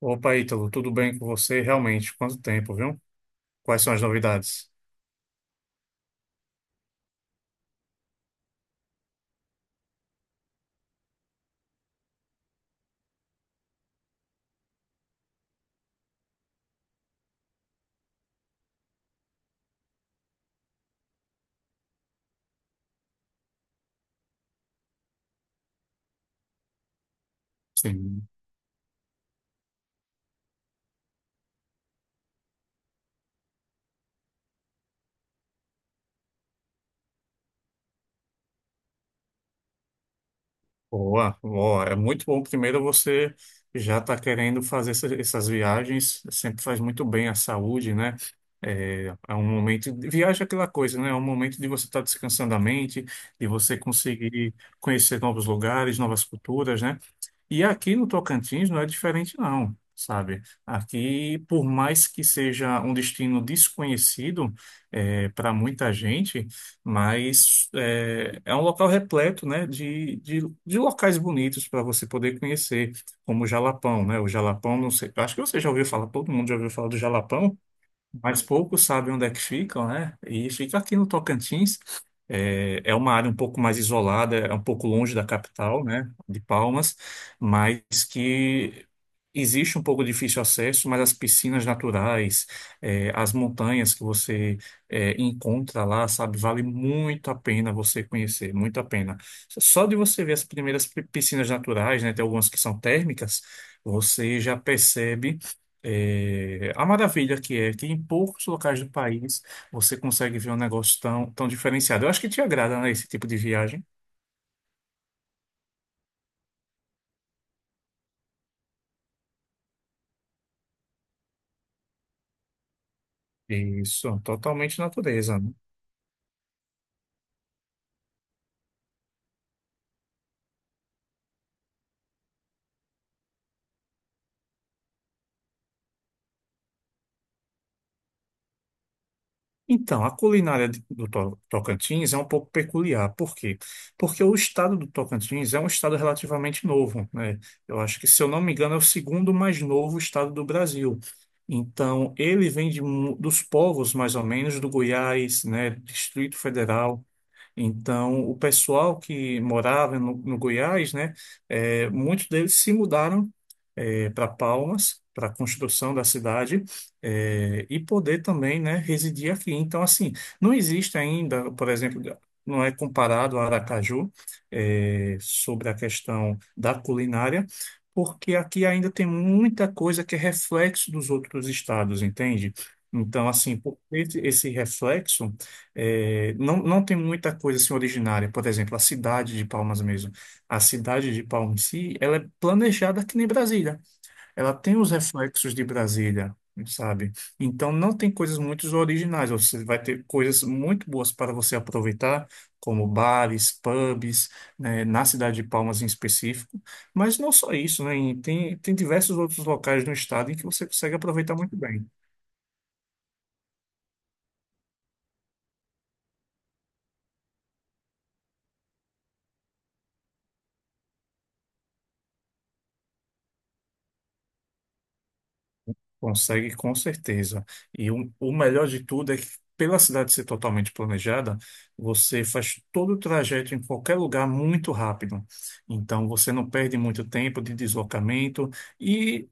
Opa, Ítalo, tudo bem com você? Realmente, quanto tempo, viu? Quais são as novidades? Sim. Boa, boa. É muito bom. Primeiro, você já está querendo fazer essas viagens. Sempre faz muito bem à saúde, né? É um Viagem é aquela coisa, né? É um momento de você estar descansando a mente, de você conseguir conhecer novos lugares, novas culturas, né? E aqui no Tocantins não é diferente, não, sabe? Aqui, por mais que seja um destino desconhecido para muita gente, mas é um local repleto, né, de locais bonitos para você poder conhecer, como o Jalapão, né? O Jalapão, não sei, acho que você já ouviu falar, todo mundo já ouviu falar do Jalapão, mas poucos sabem onde é que ficam, né? E fica aqui no Tocantins. É uma área um pouco mais isolada, é um pouco longe da capital, né, de Palmas, mas que existe um pouco difícil acesso, mas as piscinas naturais, as montanhas que você encontra lá, sabe, vale muito a pena você conhecer, muito a pena. Só de você ver as primeiras piscinas naturais, né, tem algumas que são térmicas, você já percebe a maravilha que é que em poucos locais do país você consegue ver um negócio tão, tão diferenciado. Eu acho que te agrada, né, esse tipo de viagem. Isso, totalmente natureza, né? Então, a culinária Tocantins é um pouco peculiar. Por quê? Porque o estado do Tocantins é um estado relativamente novo, né? Eu acho que, se eu não me engano, é o segundo mais novo estado do Brasil. Então, ele vem de dos povos, mais ou menos, do Goiás, né, Distrito Federal. Então, o pessoal que morava no Goiás, né, muitos deles se mudaram para Palmas, para a construção da cidade, e poder também, né, residir aqui. Então, assim, não existe ainda, por exemplo, não é comparado a Aracaju, sobre a questão da culinária, porque aqui ainda tem muita coisa que é reflexo dos outros estados, entende? Então, assim, por ter esse reflexo. É, não, não tem muita coisa assim originária. Por exemplo, a cidade de Palmas mesmo. A cidade de Palmas em si, ela é planejada que nem Brasília. Ela tem os reflexos de Brasília, sabe? Então não tem coisas muito originais. Você vai ter coisas muito boas para você aproveitar, como bares, pubs, né, na cidade de Palmas em específico. Mas não só isso, né? E tem, tem diversos outros locais no estado em que você consegue aproveitar muito bem. Consegue com certeza. E o melhor de tudo é que, pela cidade ser totalmente planejada, você faz todo o trajeto em qualquer lugar muito rápido. Então, você não perde muito tempo de deslocamento. E,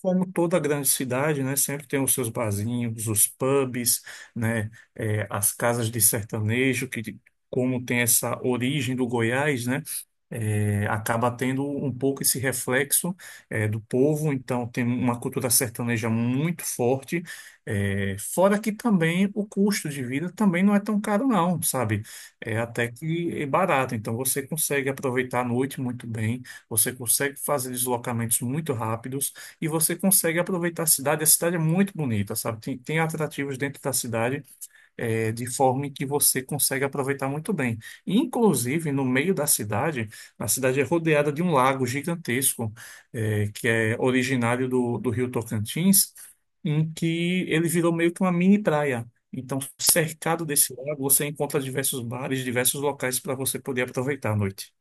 como toda grande cidade, né, sempre tem os seus barzinhos, os pubs, né, as casas de sertanejo, que, como tem essa origem do Goiás, né, acaba tendo um pouco esse reflexo do povo, então tem uma cultura sertaneja muito forte. Fora que também o custo de vida também não é tão caro, não, sabe? É até que é barato, então você consegue aproveitar a noite muito bem, você consegue fazer deslocamentos muito rápidos e você consegue aproveitar a cidade. A cidade é muito bonita, sabe? Tem, tem atrativos dentro da cidade de forma em que você consegue aproveitar muito bem. Inclusive, no meio da cidade, a cidade é rodeada de um lago gigantesco, que é originário do Rio Tocantins, em que ele virou meio que uma mini praia. Então, cercado desse lago, você encontra diversos bares, diversos locais para você poder aproveitar a noite.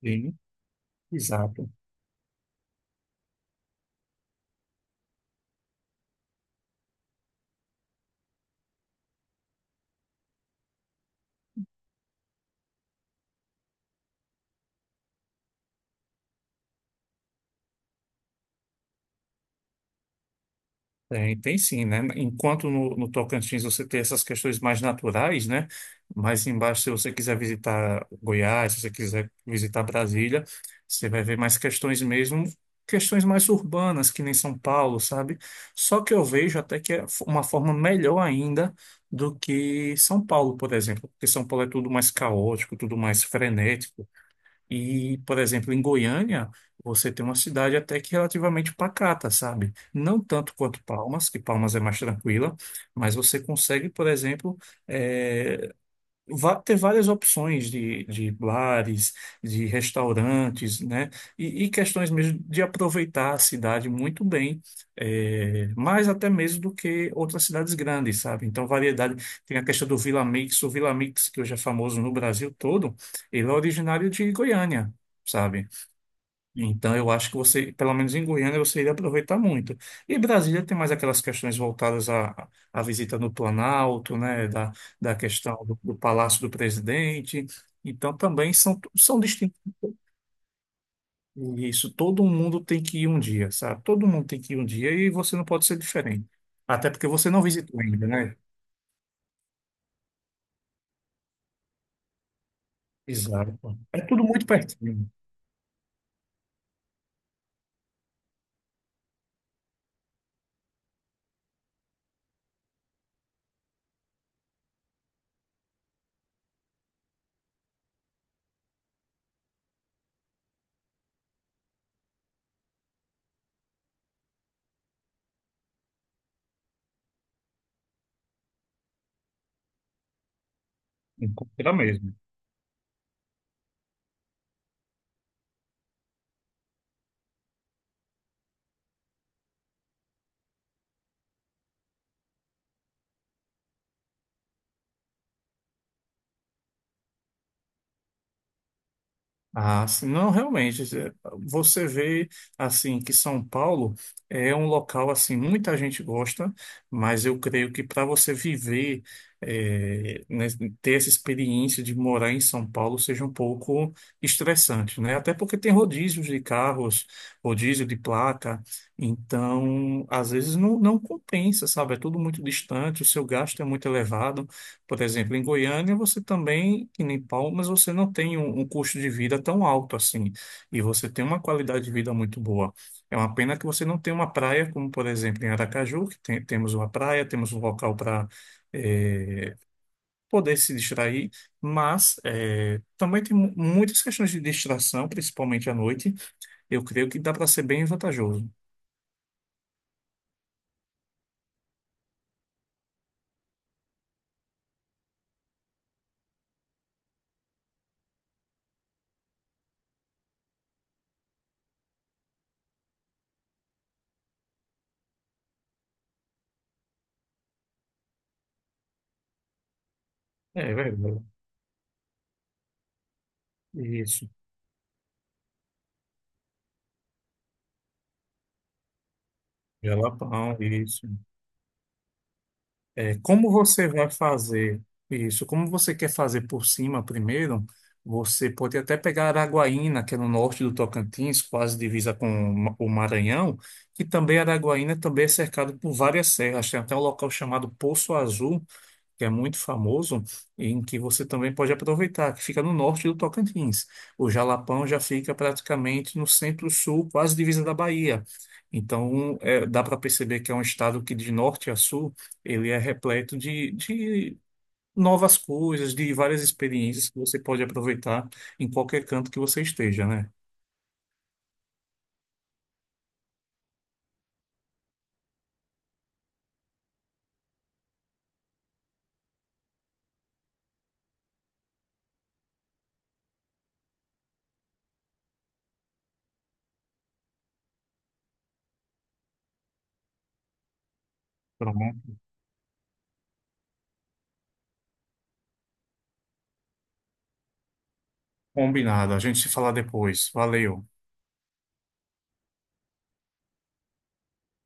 Sim, exato. Tem, tem sim, né? Enquanto no Tocantins você tem essas questões mais naturais, né? Mais embaixo, se você quiser visitar Goiás, se você quiser visitar Brasília, você vai ver mais questões mesmo, questões mais urbanas, que nem São Paulo, sabe? Só que eu vejo até que é uma forma melhor ainda do que São Paulo, por exemplo, porque São Paulo é tudo mais caótico, tudo mais frenético. E, por exemplo, em Goiânia, você tem uma cidade até que relativamente pacata, sabe? Não tanto quanto Palmas, que Palmas é mais tranquila, mas você consegue, por exemplo, eh, ter várias opções de bares, de restaurantes, né? E questões mesmo de aproveitar a cidade muito bem, mais até mesmo do que outras cidades grandes, sabe? Então, variedade. Tem a questão do Vila Mix, o Vila Mix, que hoje é famoso no Brasil todo, ele é originário de Goiânia, sabe? Então, eu acho que você, pelo menos em Goiânia, você iria aproveitar muito. E Brasília tem mais aquelas questões voltadas à, à visita no Planalto, né, da, da questão do Palácio do Presidente. Então, também são, são distintos. E isso, todo mundo tem que ir um dia, sabe? Todo mundo tem que ir um dia e você não pode ser diferente. Até porque você não visitou ainda, né? Exato. É tudo muito pertinho, encontra mesmo. Ah, sim, não, realmente, é, você vê, assim, que São Paulo é um local, assim, muita gente gosta, mas eu creio que para você viver, é, né, ter essa experiência de morar em São Paulo seja um pouco estressante, né? Até porque tem rodízios de carros, rodízio de placa, então, às vezes não, não compensa, sabe? É tudo muito distante, o seu gasto é muito elevado, por exemplo, em Goiânia você também, que nem Palmas, você não tem um custo de vida tão alto assim. E você tem uma qualidade de vida muito boa. É uma pena que você não tem uma praia, como por exemplo em Aracaju, que temos uma praia, temos um local para poder se distrair, mas também tem muitas questões de distração, principalmente à noite. Eu creio que dá para ser bem vantajoso. É verdade. Isso. Jalapão, isso. É, como você vai fazer isso? Como você quer fazer por cima primeiro? Você pode até pegar Araguaína, que é no norte do Tocantins, quase divisa com o o Maranhão, que também Araguaína também é cercado por várias serras. Tem até um local chamado Poço Azul, que é muito famoso, em que você também pode aproveitar, que fica no norte do Tocantins. O Jalapão já fica praticamente no centro-sul, quase divisa da Bahia. Então, é, dá para perceber que é um estado que, de norte a sul, ele é repleto de novas coisas, de várias experiências que você pode aproveitar em qualquer canto que você esteja, né? Tá. Combinado. A gente se fala depois. Valeu.